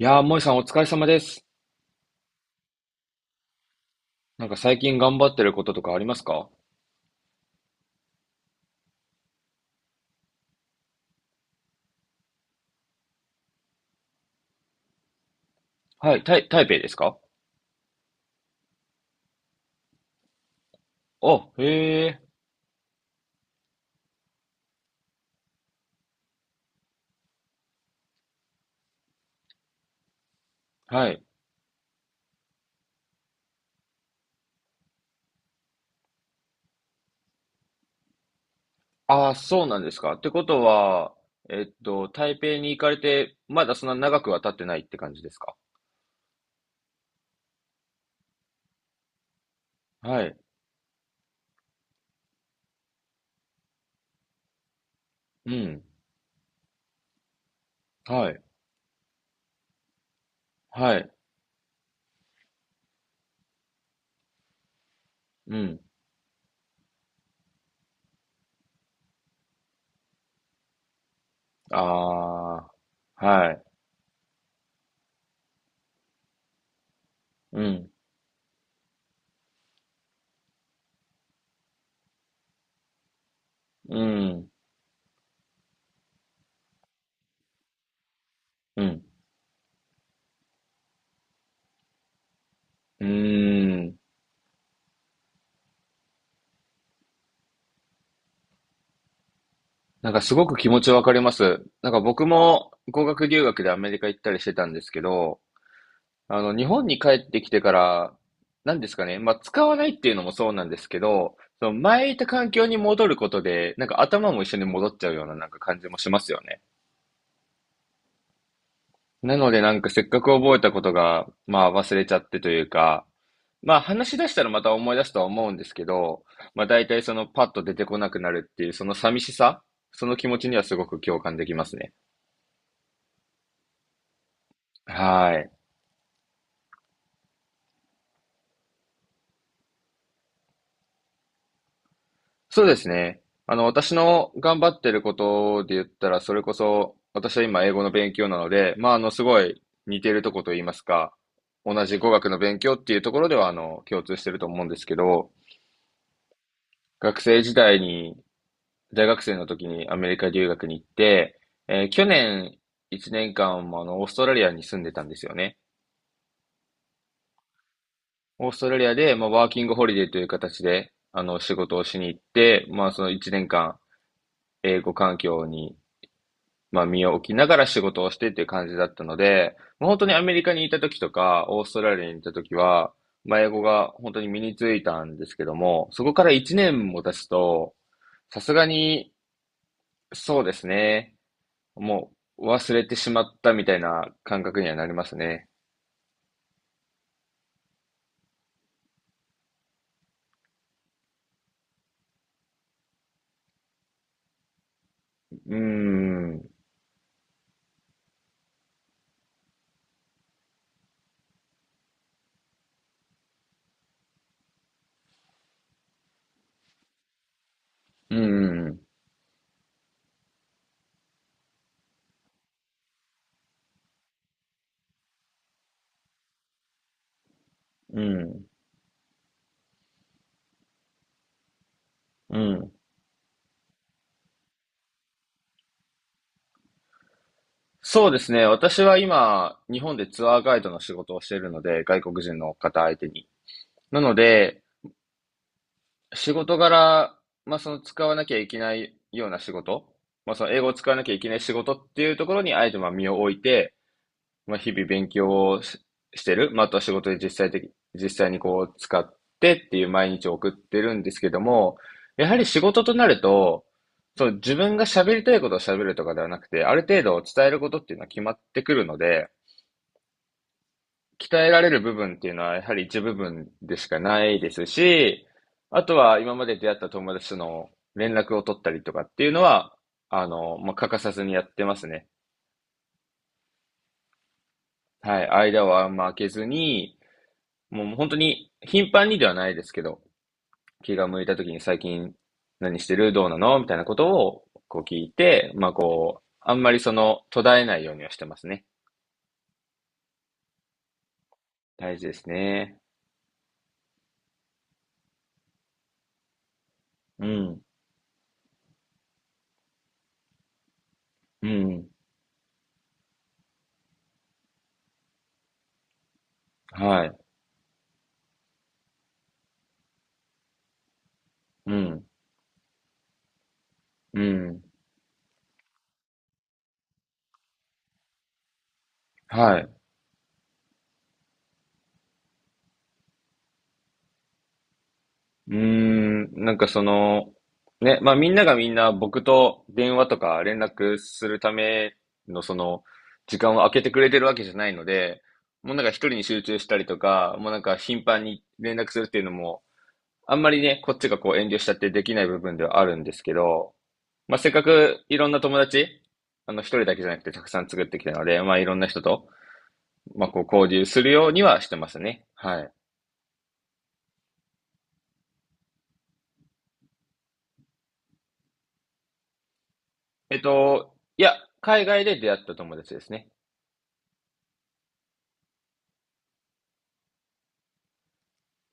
いやー、萌さんお疲れ様です。なんか最近頑張ってることとかありますか？はい、台北ですか？あ、へえ、はい。あー、そうなんですか。ってことは、台北に行かれて、まだそんな長くは経ってないって感じですか？はい、うん、はい、はい、うん、あー、はい、うん、うん、うん、うーん。なんかすごく気持ちわかります。なんか僕も語学留学でアメリカ行ったりしてたんですけど、あの、日本に帰ってきてから、なんですかね、まあ、使わないっていうのもそうなんですけど、その前いた環境に戻ることで、なんか頭も一緒に戻っちゃうようななんか感じもしますよね。なのでなんかせっかく覚えたことが、まあ忘れちゃってというか、まあ話し出したらまた思い出すとは思うんですけど、まあ大体そのパッと出てこなくなるっていう、その寂しさ、その気持ちにはすごく共感できますね。はい。そうですね。あの、私の頑張ってることで言ったら、それこそ、私は今英語の勉強なので、まあ、あの、すごい似てるとこと言いますか、同じ語学の勉強っていうところでは、あの、共通してると思うんですけど、学生時代に、大学生の時にアメリカ留学に行って、去年1年間もあの、オーストラリアに住んでたんですよね。オーストラリアで、まあ、ワーキングホリデーという形で、あの、仕事をしに行って、まあ、その1年間、英語環境にまあ、身を置きながら仕事をしてっていう感じだったので、もう本当にアメリカにいた時とか、オーストラリアにいた時は、まあ、英語が本当に身についたんですけども、そこから1年も経つと、さすがに、そうですね、もう忘れてしまったみたいな感覚にはなりますね。うーん、うん、うん、うん。そうですね。私は今、日本でツアーガイドの仕事をしているので、外国人の方相手に。なので、仕事柄、まあ、その使わなきゃいけないような仕事、まあ、その英語を使わなきゃいけない仕事っていうところに、あえてまあ身を置いて、まあ、日々勉強をし、してる、まあ、あとは仕事で実際にこう使ってっていう毎日を送ってるんですけども、やはり仕事となると、その自分が喋りたいことを喋るとかではなくて、ある程度伝えることっていうのは決まってくるので、鍛えられる部分っていうのは、やはり一部分でしかないですし、あとは今まで出会った友達との連絡を取ったりとかっていうのは、あの、まあ、欠かさずにやってますね。はい。間をあんま空けずに、もう本当に頻繁にではないですけど、気が向いた時に最近何してるどうなのみたいなことをこう聞いて、まあこう、あんまりその途絶えないようにはしてますね。大事ですね。うん。うん。はい。うん。うん。はい。うーん、なんかその、ね、まあみんながみんな僕と電話とか連絡するためのその時間を空けてくれてるわけじゃないので、もうなんか一人に集中したりとか、もうなんか頻繁に連絡するっていうのも、あんまりね、こっちがこう遠慮しちゃってできない部分ではあるんですけど、まあせっかくいろんな友達、あの一人だけじゃなくてたくさん作ってきたので、まあいろんな人と、まあこう交流するようにはしてますね。はい。いや、海外で出会った友達ですね。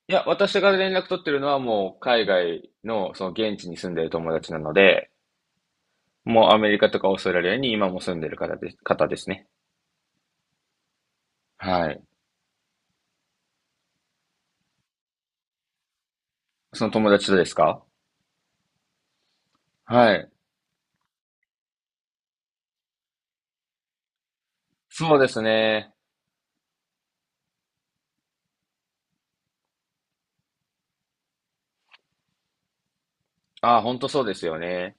いや、私が連絡取ってるのはもう海外のその現地に住んでる友達なので、もうアメリカとかオーストラリアに今も住んでる方ですね。はい。その友達とですか？はい。そうですね。あ、本当そうですよね。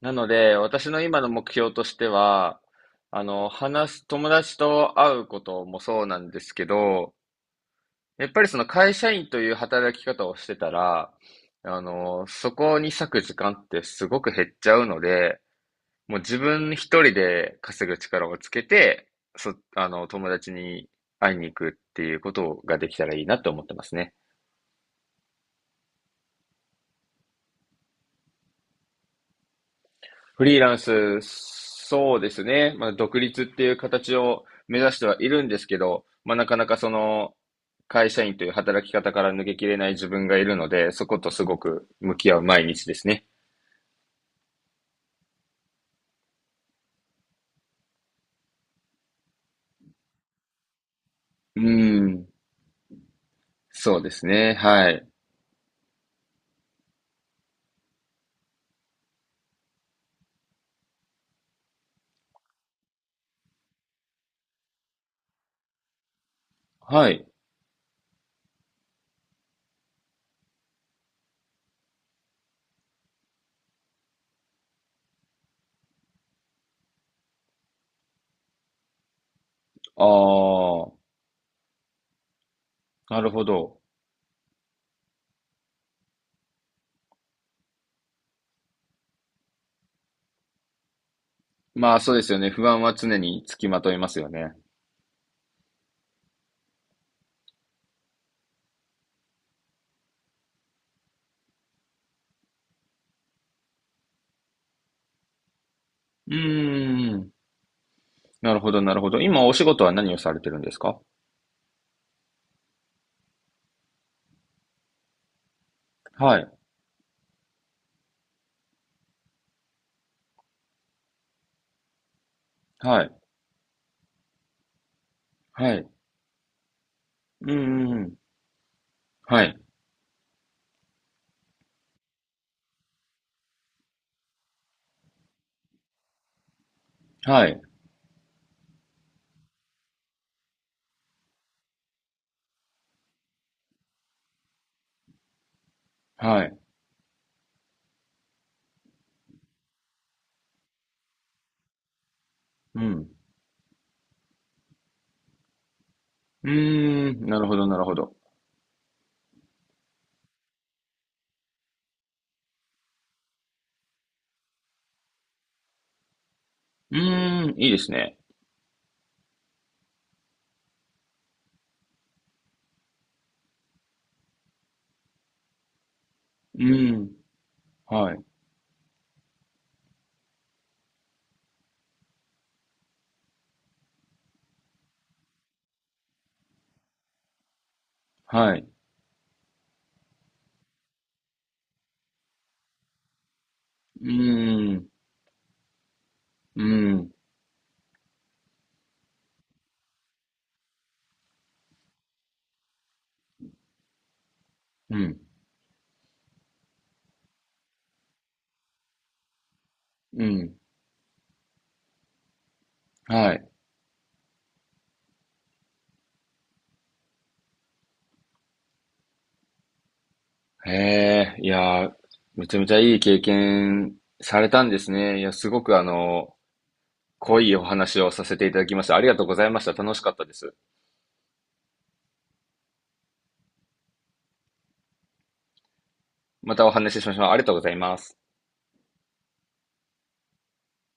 なので、私の今の目標としては、あの、話す、友達と会うこともそうなんですけど、やっぱりその会社員という働き方をしてたら、あの、そこに割く時間ってすごく減っちゃうので、もう自分一人で稼ぐ力をつけて、あの、友達に会いに行くっていうことができたらいいなって思ってますね。フリーランス、そうですね。まあ、独立っていう形を目指してはいるんですけど、まあ、なかなかその、会社員という働き方から抜けきれない自分がいるので、そことすごく向き合う毎日ですね。うーん、そうですね。はい。はい。ああ、なるほど。まあそうですよね。不安は常につきまといますよね。うーん。なるほど、なるほど。今お仕事は何をされてるんですか？はい、はい、はい。うん、うんうん、はい、はい、はい。うん。うーん、なるほど、なるほど。うーん、いいですね。うーん、はい、はい。うーん、うん、うん、うん、はい。へえ、いやー、めちゃめちゃいい経験されたんですね。いや、すごくあの、濃いお話をさせていただきました。ありがとうございました。楽しかったです。またお話ししましょう。ありがとうございます。